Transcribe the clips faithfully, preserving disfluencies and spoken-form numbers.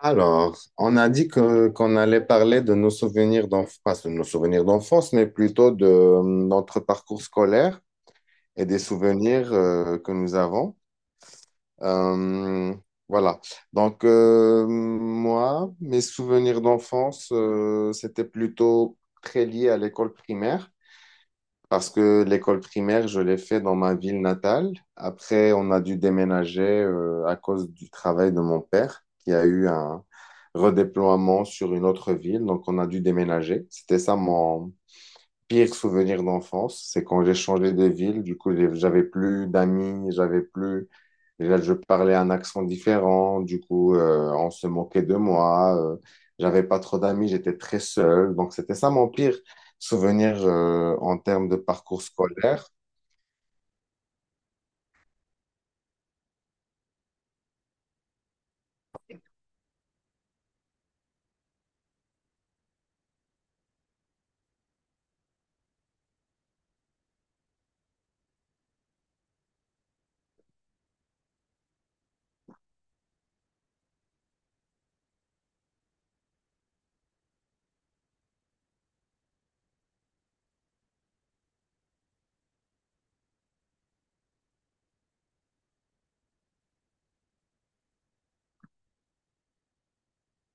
Alors, on a dit que qu'on allait parler de nos souvenirs d'enfance, pas de nos souvenirs d'enfance, mais plutôt de euh, notre parcours scolaire et des souvenirs euh, que nous avons. Euh, voilà. Donc, euh, moi, mes souvenirs d'enfance, euh, c'était plutôt très lié à l'école primaire. Parce que l'école primaire, je l'ai fait dans ma ville natale. Après, on a dû déménager euh, à cause du travail de mon père, qui a eu un redéploiement sur une autre ville. Donc, on a dû déménager. C'était ça mon pire souvenir d'enfance. C'est quand j'ai changé de ville. Du coup, j'ai- j'avais plus d'amis. J'avais plus Déjà, je parlais un accent différent. Du coup, euh, on se moquait de moi. Euh, j'avais pas trop d'amis, j'étais très seul. Donc, c'était ça mon pire souvenir euh, en termes de parcours scolaire.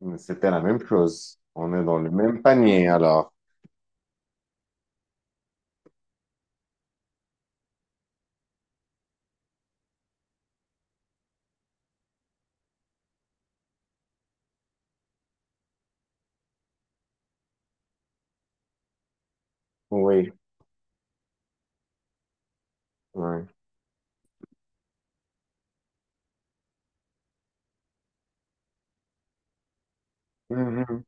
Mais c'était la même chose. On est dans le même panier, alors. Oui, oui. Mhm.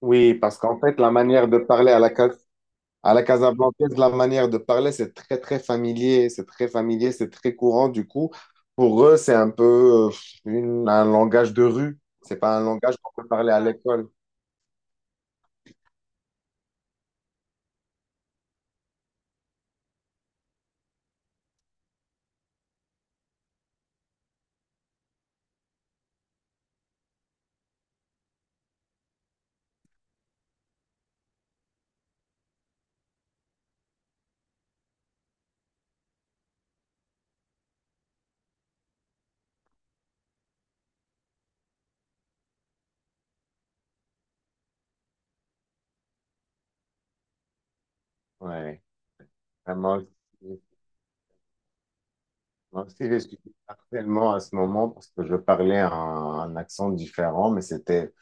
Oui, parce qu'en fait, la manière de parler à la à la Casablancaise, la manière de parler, c'est très, très familier, c'est très familier, c'est très courant. Du coup, pour eux, c'est un peu euh, une- un langage de rue. C'est pas un langage qu'on peut parler à l'école. Ouais, vraiment. Moi aussi, j'ai subi harcèlement à ce moment parce que je parlais un, un accent différent, mais c'était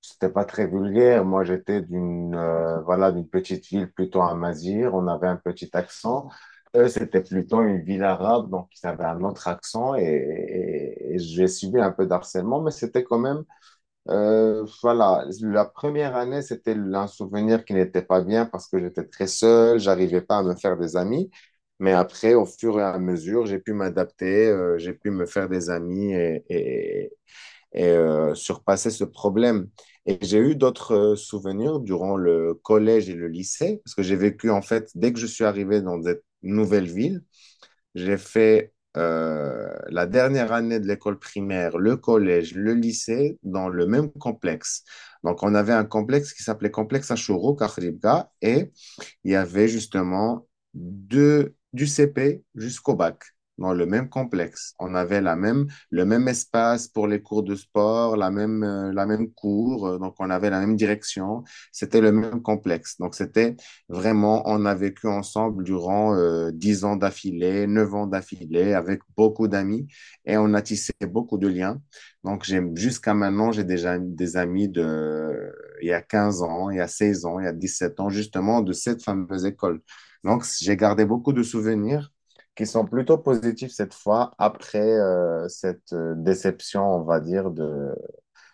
c'était pas très vulgaire. Moi, j'étais d'une euh, voilà, d'une petite ville plutôt à Mazir. On avait un petit accent. Eux, c'était plutôt une ville arabe, donc ils avaient un autre accent et, et- et j'ai subi un peu d'harcèlement, mais c'était quand même, euh, voilà, la première année, c'était un souvenir qui n'était pas bien parce que j'étais très seul, j'arrivais pas à me faire des amis. Mais après, au fur et à mesure, j'ai pu m'adapter, euh, j'ai pu me faire des amis et, et euh, surpasser ce problème. Et j'ai eu d'autres euh, souvenirs durant le collège et le lycée, parce que j'ai vécu, en fait, dès que je suis arrivé dans cette nouvelle ville, j'ai fait euh, la dernière année de l'école primaire, le collège, le lycée, dans le même complexe. Donc, on avait un complexe qui s'appelait Complexe Ashuro Karibga, et il y avait justement de, du C P jusqu'au bac dans le même complexe. On avait la même, le même espace pour les cours de sport, la même, euh, la même cour, euh, donc on avait la même direction, c'était le même complexe. Donc c'était vraiment, on a vécu ensemble durant euh, dix ans d'affilée, neuf ans d'affilée, avec beaucoup d'amis et on a tissé beaucoup de liens. Donc j'ai jusqu'à maintenant, j'ai déjà des amis de il y a quinze ans, il y a seize ans, il y a dix sept ans, justement, de cette fameuse école. Donc, j'ai gardé beaucoup de souvenirs qui sont plutôt positifs cette fois, après euh, cette euh, déception, on va dire, de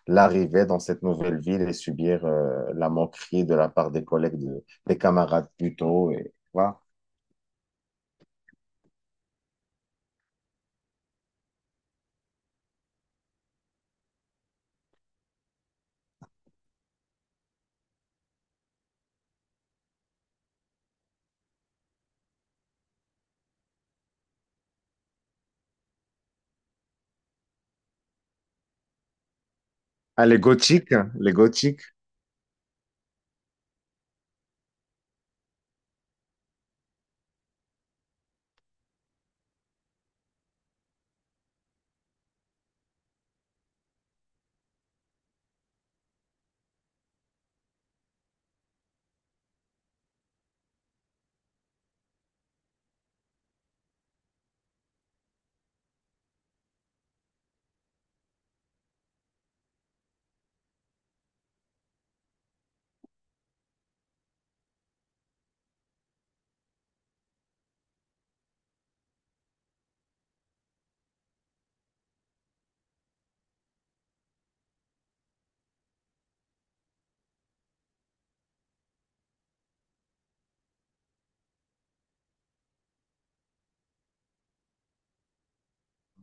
l'arrivée dans cette nouvelle ville et subir euh, la moquerie de la part des collègues, de- des camarades plutôt. Et, voilà. Ah, les gothiques, hein, les gothiques.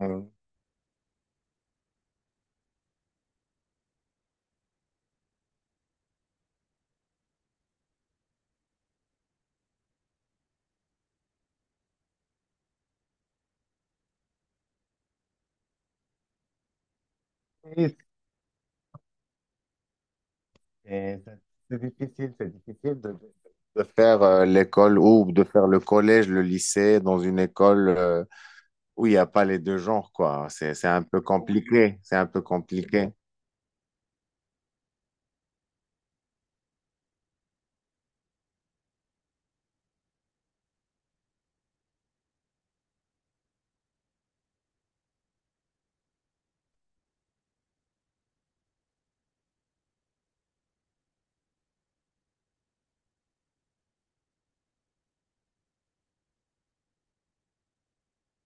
euh, oui, C'est c'est difficile, c'est difficile de, de- de faire euh, l'école ou de faire le collège, le lycée dans une école, euh, où il n'y a pas les deux genres, quoi. C'est, c'est un peu compliqué. C'est un peu compliqué.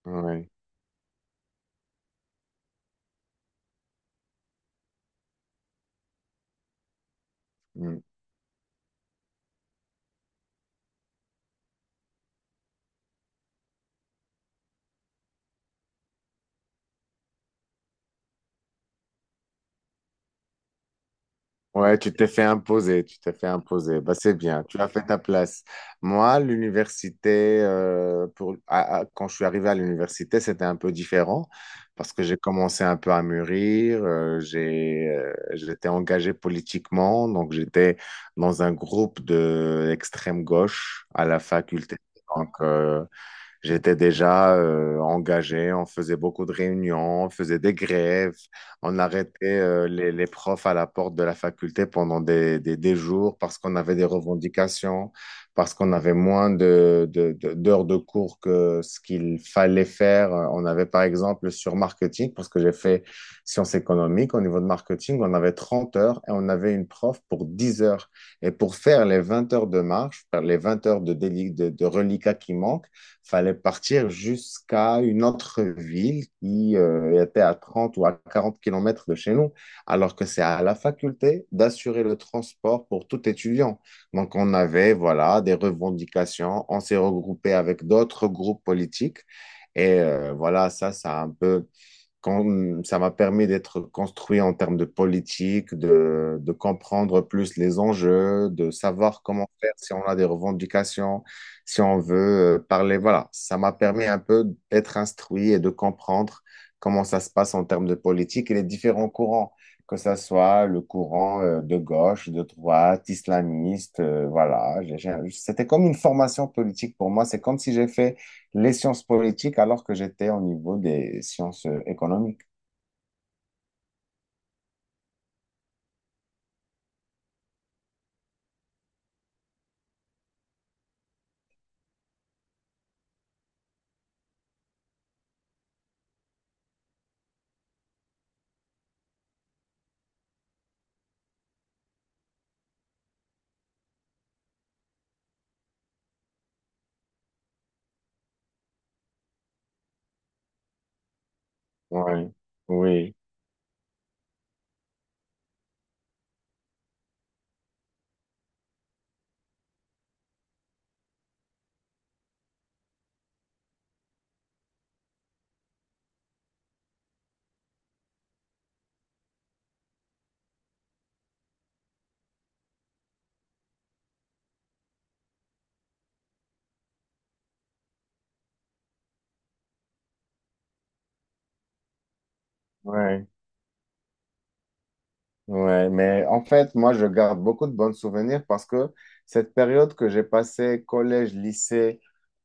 Ouais. Mm. Ouais, tu t'es fait imposer, tu t'es fait imposer. Bah, c'est bien, tu as fait ta place. Moi, l'université, euh, pour, à- à- quand je suis arrivé à l'université, c'était un peu différent parce que j'ai commencé un peu à mûrir, euh, j'ai, euh, j'étais engagé politiquement, donc j'étais dans un groupe de l'extrême gauche à la faculté. Donc, euh, j'étais déjà euh, engagé, on faisait beaucoup de réunions, on faisait des grèves, on arrêtait euh, les, les profs à la porte de la faculté pendant des, des, des jours parce qu'on avait des revendications, parce qu'on avait moins de, de- de- d'heures de cours que ce qu'il fallait faire. On avait par exemple sur marketing, parce que j'ai fait sciences économiques, au niveau de marketing, on avait trente heures et on avait une prof pour dix heures. Et pour faire les vingt heures de marche, faire les vingt heures de, déli- de, de reliquat qui manquent, fallait partir jusqu'à une autre ville qui euh, était à trente ou à quarante kilomètres de chez nous, alors que c'est à la faculté d'assurer le transport pour tout étudiant. Donc, on avait, voilà, des revendications, on s'est regroupé avec d'autres groupes politiques et euh, voilà, ça, ça a un peu quand- ça m'a permis d'être construit en termes de politique, de, de comprendre plus les enjeux, de savoir comment faire si on a des revendications, si on veut euh, parler. Voilà, ça m'a permis un peu d'être instruit et de comprendre comment ça se passe en termes de politique et les différents courants, que ça soit le courant euh, de gauche, de droite, islamiste. Euh, voilà, J'ai- j'ai- c'était comme une formation politique pour moi. C'est comme si j'ai fait les sciences politiques alors que j'étais au niveau des sciences euh, économiques. Oui, oui, oui. Ouais, mais en fait, moi, je garde beaucoup de bons souvenirs parce que cette période que j'ai passée, collège, lycée,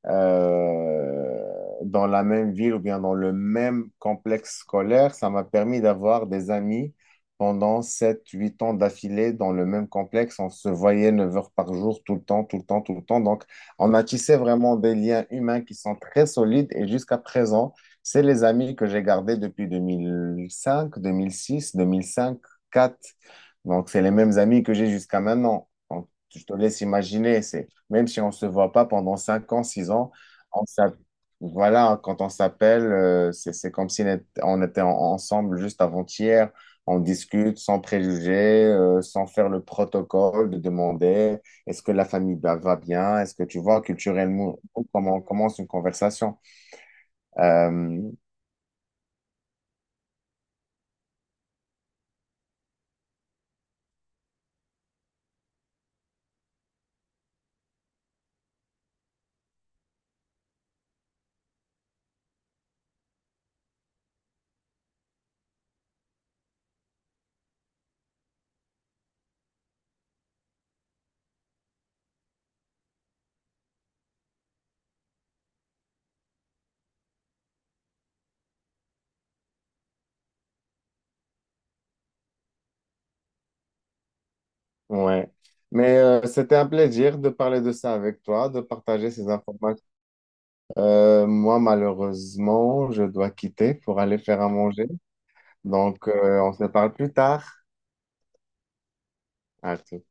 euh, dans la même ville ou bien dans le même complexe scolaire, ça m'a permis d'avoir des amis pendant sept, huit ans d'affilée dans le même complexe. On se voyait neuf heures par jour, tout le temps, tout le temps, tout le temps. Donc, on a tissé vraiment des liens humains qui sont très solides et jusqu'à présent, c'est les amis que j'ai gardés depuis deux mille cinq, deux mille six, deux mille cinq, quatre. Donc, c'est les mêmes amis que j'ai jusqu'à maintenant. Donc, je te laisse imaginer, c'est même si on ne se voit pas pendant cinq ans, six ans, on s'app- voilà, quand on s'appelle, euh, c'est c'est comme si on était on était en- ensemble juste avant-hier. On discute sans préjugés, euh, sans faire le protocole de demander est-ce que la famille va va bien? Est-ce que tu vois culturellement comment on commence une conversation? Euh, ouais. Mais euh, c'était un plaisir de parler de ça avec toi, de partager ces informations. Euh, moi, malheureusement, je dois quitter pour aller faire à manger. Donc, euh, on se parle plus tard. À tout.